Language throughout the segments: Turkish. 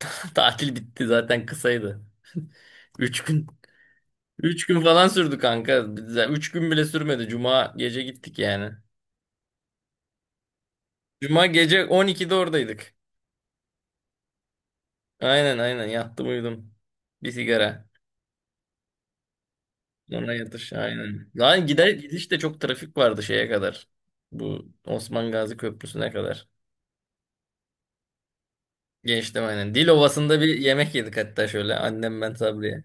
Tatil bitti zaten kısaydı. Üç gün. Üç gün falan sürdü kanka. Üç gün bile sürmedi. Cuma gece gittik yani. Cuma gece 12'de oradaydık. Aynen, aynen, yattım uyudum. Bir sigara. Sonra yatış aynen. Lan gider gidiş de çok trafik vardı şeye kadar. Bu Osman Gazi Köprüsü'ne kadar. Geçtim aynen. Dil Ovası'nda bir yemek yedik hatta, şöyle annem ben Sabriye.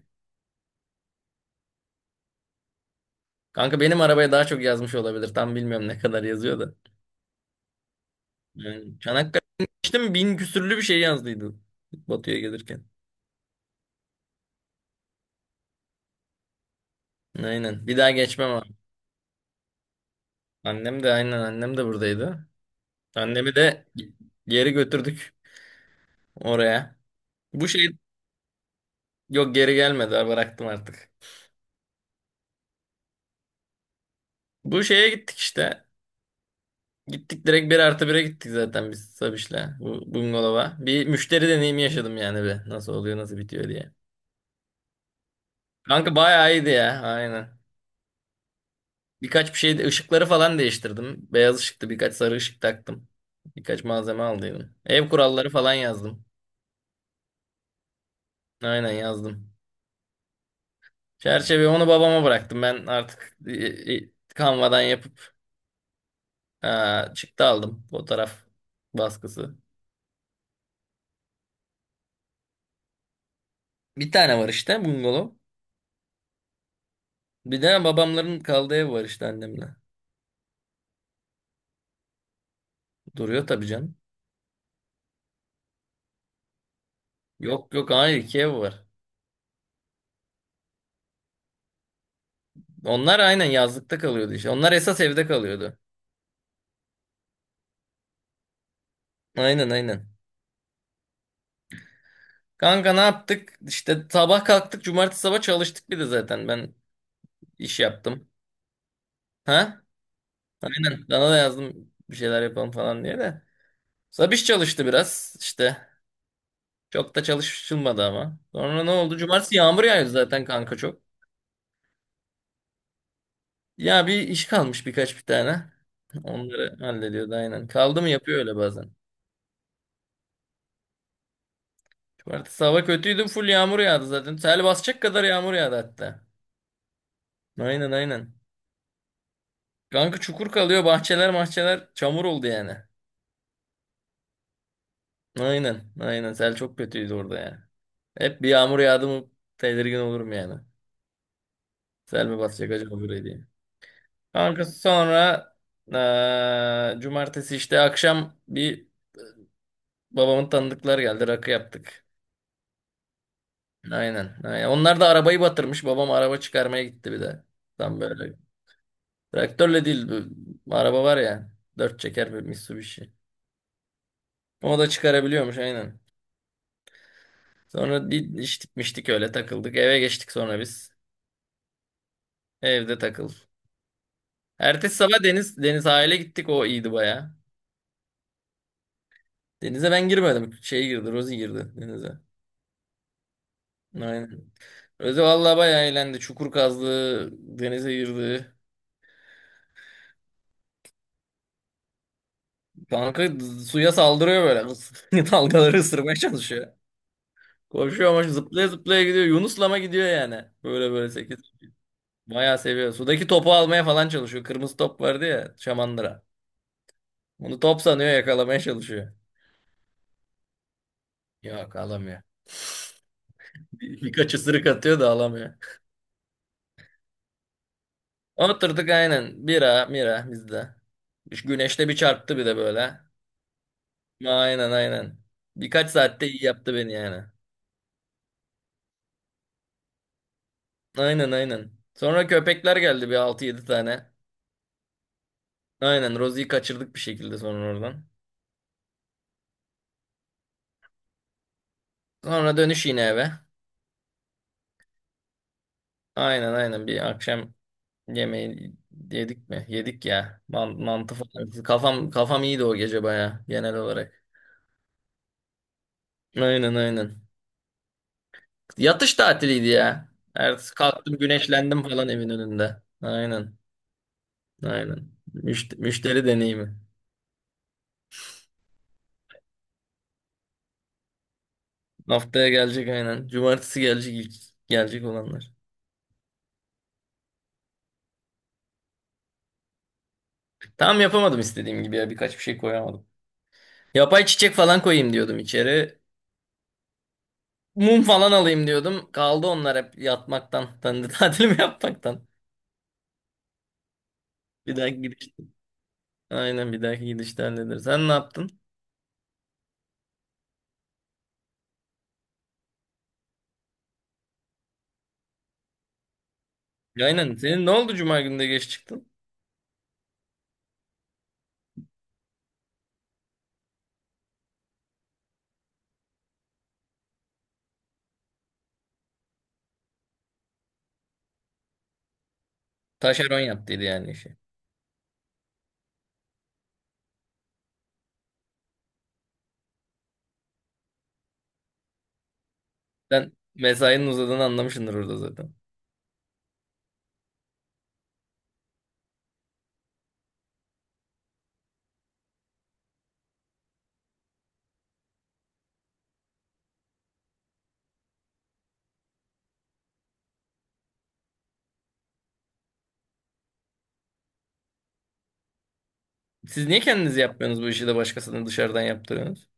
Kanka benim arabaya daha çok yazmış olabilir. Tam bilmiyorum ne kadar yazıyor da. Yani Çanakkale'den geçtim bin küsürlü bir şey yazdıydı Batı'ya gelirken. Aynen. Bir daha geçmem abi. Annem de aynen, annem de buradaydı. Annemi de geri götürdük oraya. Bu şey, yok geri gelmedi abi, bıraktım artık. Bu şeye gittik işte. Gittik direkt bir artı bire gittik zaten biz Sabiş'le bu bungalova. Bir müşteri deneyimi yaşadım yani bir. Nasıl oluyor nasıl bitiyor diye. Kanka bayağı iyiydi ya, aynen. Birkaç bir şey, ışıkları falan değiştirdim. Beyaz ışıktı, birkaç sarı ışık taktım. Birkaç malzeme aldıydım. Ev kuralları falan yazdım. Aynen, yazdım. Çerçeve onu babama bıraktım. Ben artık e, Canva'dan yapıp çıktı aldım. Fotoğraf baskısı. Bir tane var işte, bungalov. Bir de babamların kaldığı ev var işte, annemle. Duruyor tabii canım. Yok yok, hayır iki ev var. Onlar aynen yazlıkta kalıyordu işte. Onlar esas evde kalıyordu. Aynen, aynen. Kanka ne yaptık? İşte sabah kalktık. Cumartesi sabah çalıştık bir de zaten. Ben iş yaptım. Ha? Ben sana da yazdım bir şeyler yapalım falan diye de. Sabiş çalıştı biraz işte. Çok da çalışılmadı ama. Sonra ne oldu? Cumartesi yağmur yağıyor zaten kanka, çok. Ya bir iş kalmış, birkaç bir tane. Onları hallediyordu aynen. Kaldı mı yapıyor öyle bazen. Cumartesi hava kötüydü. Full yağmur yağdı zaten. Sel basacak kadar yağmur yağdı hatta. Aynen, aynen. Kanka çukur kalıyor. Bahçeler mahçeler çamur oldu yani. Aynen. Aynen. Sel çok kötüydü orada ya. Hep bir yağmur yağdı mı tedirgin olurum yani. Sel mi basacak acaba buraya diye. Kanka sonra cumartesi işte akşam bir babamın tanıdıklar geldi. Rakı yaptık. Aynen. Aynen. Onlar da arabayı batırmış. Babam araba çıkarmaya gitti bir de. Tam böyle. Traktörle değil. Bu araba var ya. Dört çeker bir Mitsubishi. O da çıkarabiliyormuş aynen. Sonra bir içtik miştik öyle takıldık. Eve geçtik sonra biz. Evde takıl. Ertesi sabah Deniz sahile gittik, o iyiydi baya. Denize ben girmedim. Şey girdi, Rozi girdi denize. Aynen. Rozi vallahi baya eğlendi. Çukur kazdı, denize girdi. Kanka suya saldırıyor böyle. Dalgaları ısırmaya çalışıyor. Koşuyor ama zıplaya zıplaya gidiyor. Yunuslama gidiyor yani. Böyle böyle sekiz. Bayağı seviyor. Sudaki topu almaya falan çalışıyor. Kırmızı top vardı ya, şamandıra. Onu top sanıyor, yakalamaya çalışıyor. Yok, alamıyor. Birkaç ısırık atıyor da alamıyor. Oturduk aynen. Bira, mira bizde. Şu güneşte bir çarptı bir de böyle. Aynen, aynen. Birkaç saatte iyi yaptı beni yani. Aynen, aynen. Sonra köpekler geldi bir altı yedi tane. Aynen, Rosie'yi kaçırdık bir şekilde sonra oradan. Sonra dönüş yine eve. Aynen, aynen, bir akşam yemeği yedik mi? Yedik ya. Man mantı falan. Kafam iyiydi o gece baya genel olarak. Aynen, aynen. Yatış tatiliydi ya. Ertesi kalktım güneşlendim falan evin önünde. Aynen. Aynen. Müşteri deneyimi. Haftaya gelecek aynen. Cumartesi gelecek, ilk gelecek olanlar. Tam yapamadım istediğim gibi ya. Birkaç bir şey koyamadım. Yapay çiçek falan koyayım diyordum içeri. Mum falan alayım diyordum. Kaldı onlar hep yatmaktan. Ben de tatilimi yapmaktan. Bir dahaki gidiş. Aynen, bir dahaki gidişte hallederiz. Sen ne yaptın? Aynen. Senin ne oldu, cuma günü de geç çıktın? Taşeron yaptıydı yani işi. Sen mesainin uzadığını anlamışsındır orada zaten. Siz niye kendiniz yapmıyorsunuz bu işi de başkasını dışarıdan yaptırıyorsunuz?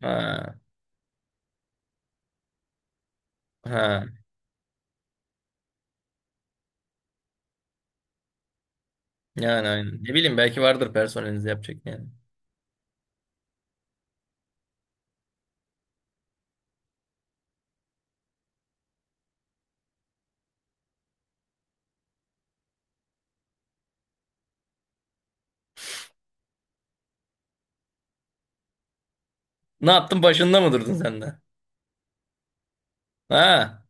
Ha. Ha, yani aynen. Ne bileyim, belki vardır personelinizde yapacak yani. Ne yaptın, başında mı durdun sen de? Ha,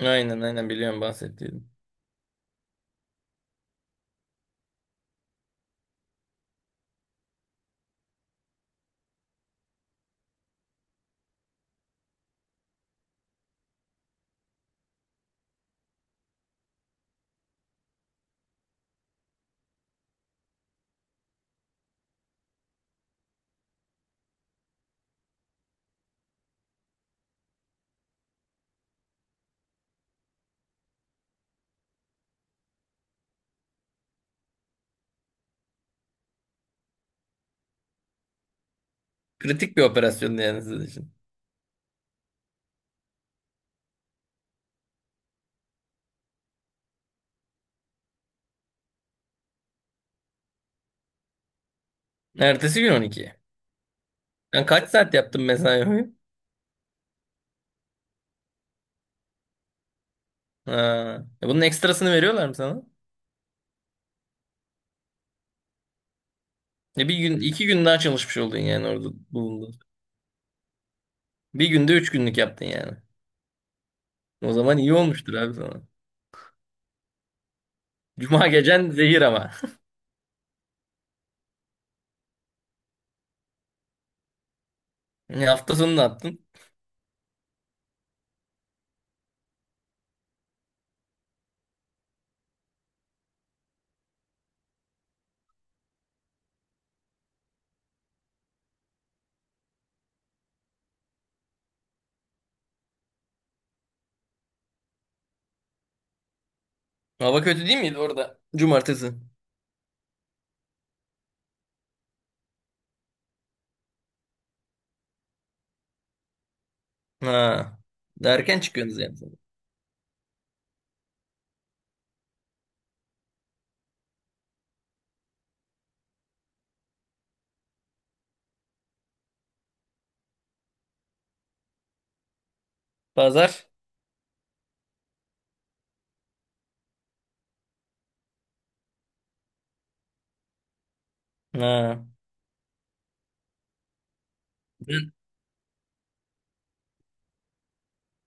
aynen, aynen, biliyorum bahsettiğim. Kritik bir operasyon yani sizin için. Ertesi gün on iki. Sen kaç saat yaptın mesai boyu? Ha. E bunun ekstrasını veriyorlar mı sana? E bir gün iki gün daha çalışmış oldun yani, orada bulundun. Bir günde üç günlük yaptın yani. O zaman iyi olmuştur abi sana. Cuma gecen zehir ama. E hafta sonu ne yaptın? Hava kötü değil miydi orada? Cumartesi. Ha. Erken çıkıyorsunuz yani. Pazar. Ha.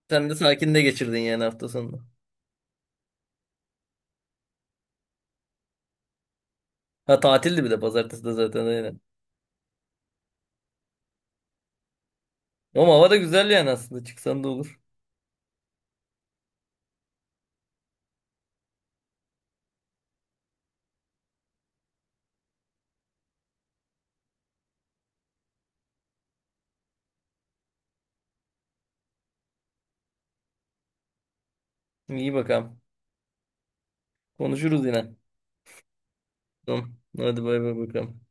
Sen de sakin de geçirdin yani hafta sonunu. Ha, tatildi bir de pazartesi de zaten, aynen. Ama hava da güzel yani, aslında çıksan da olur. İyi bakalım. Konuşuruz yine. Tamam. Hadi bay bay bakalım.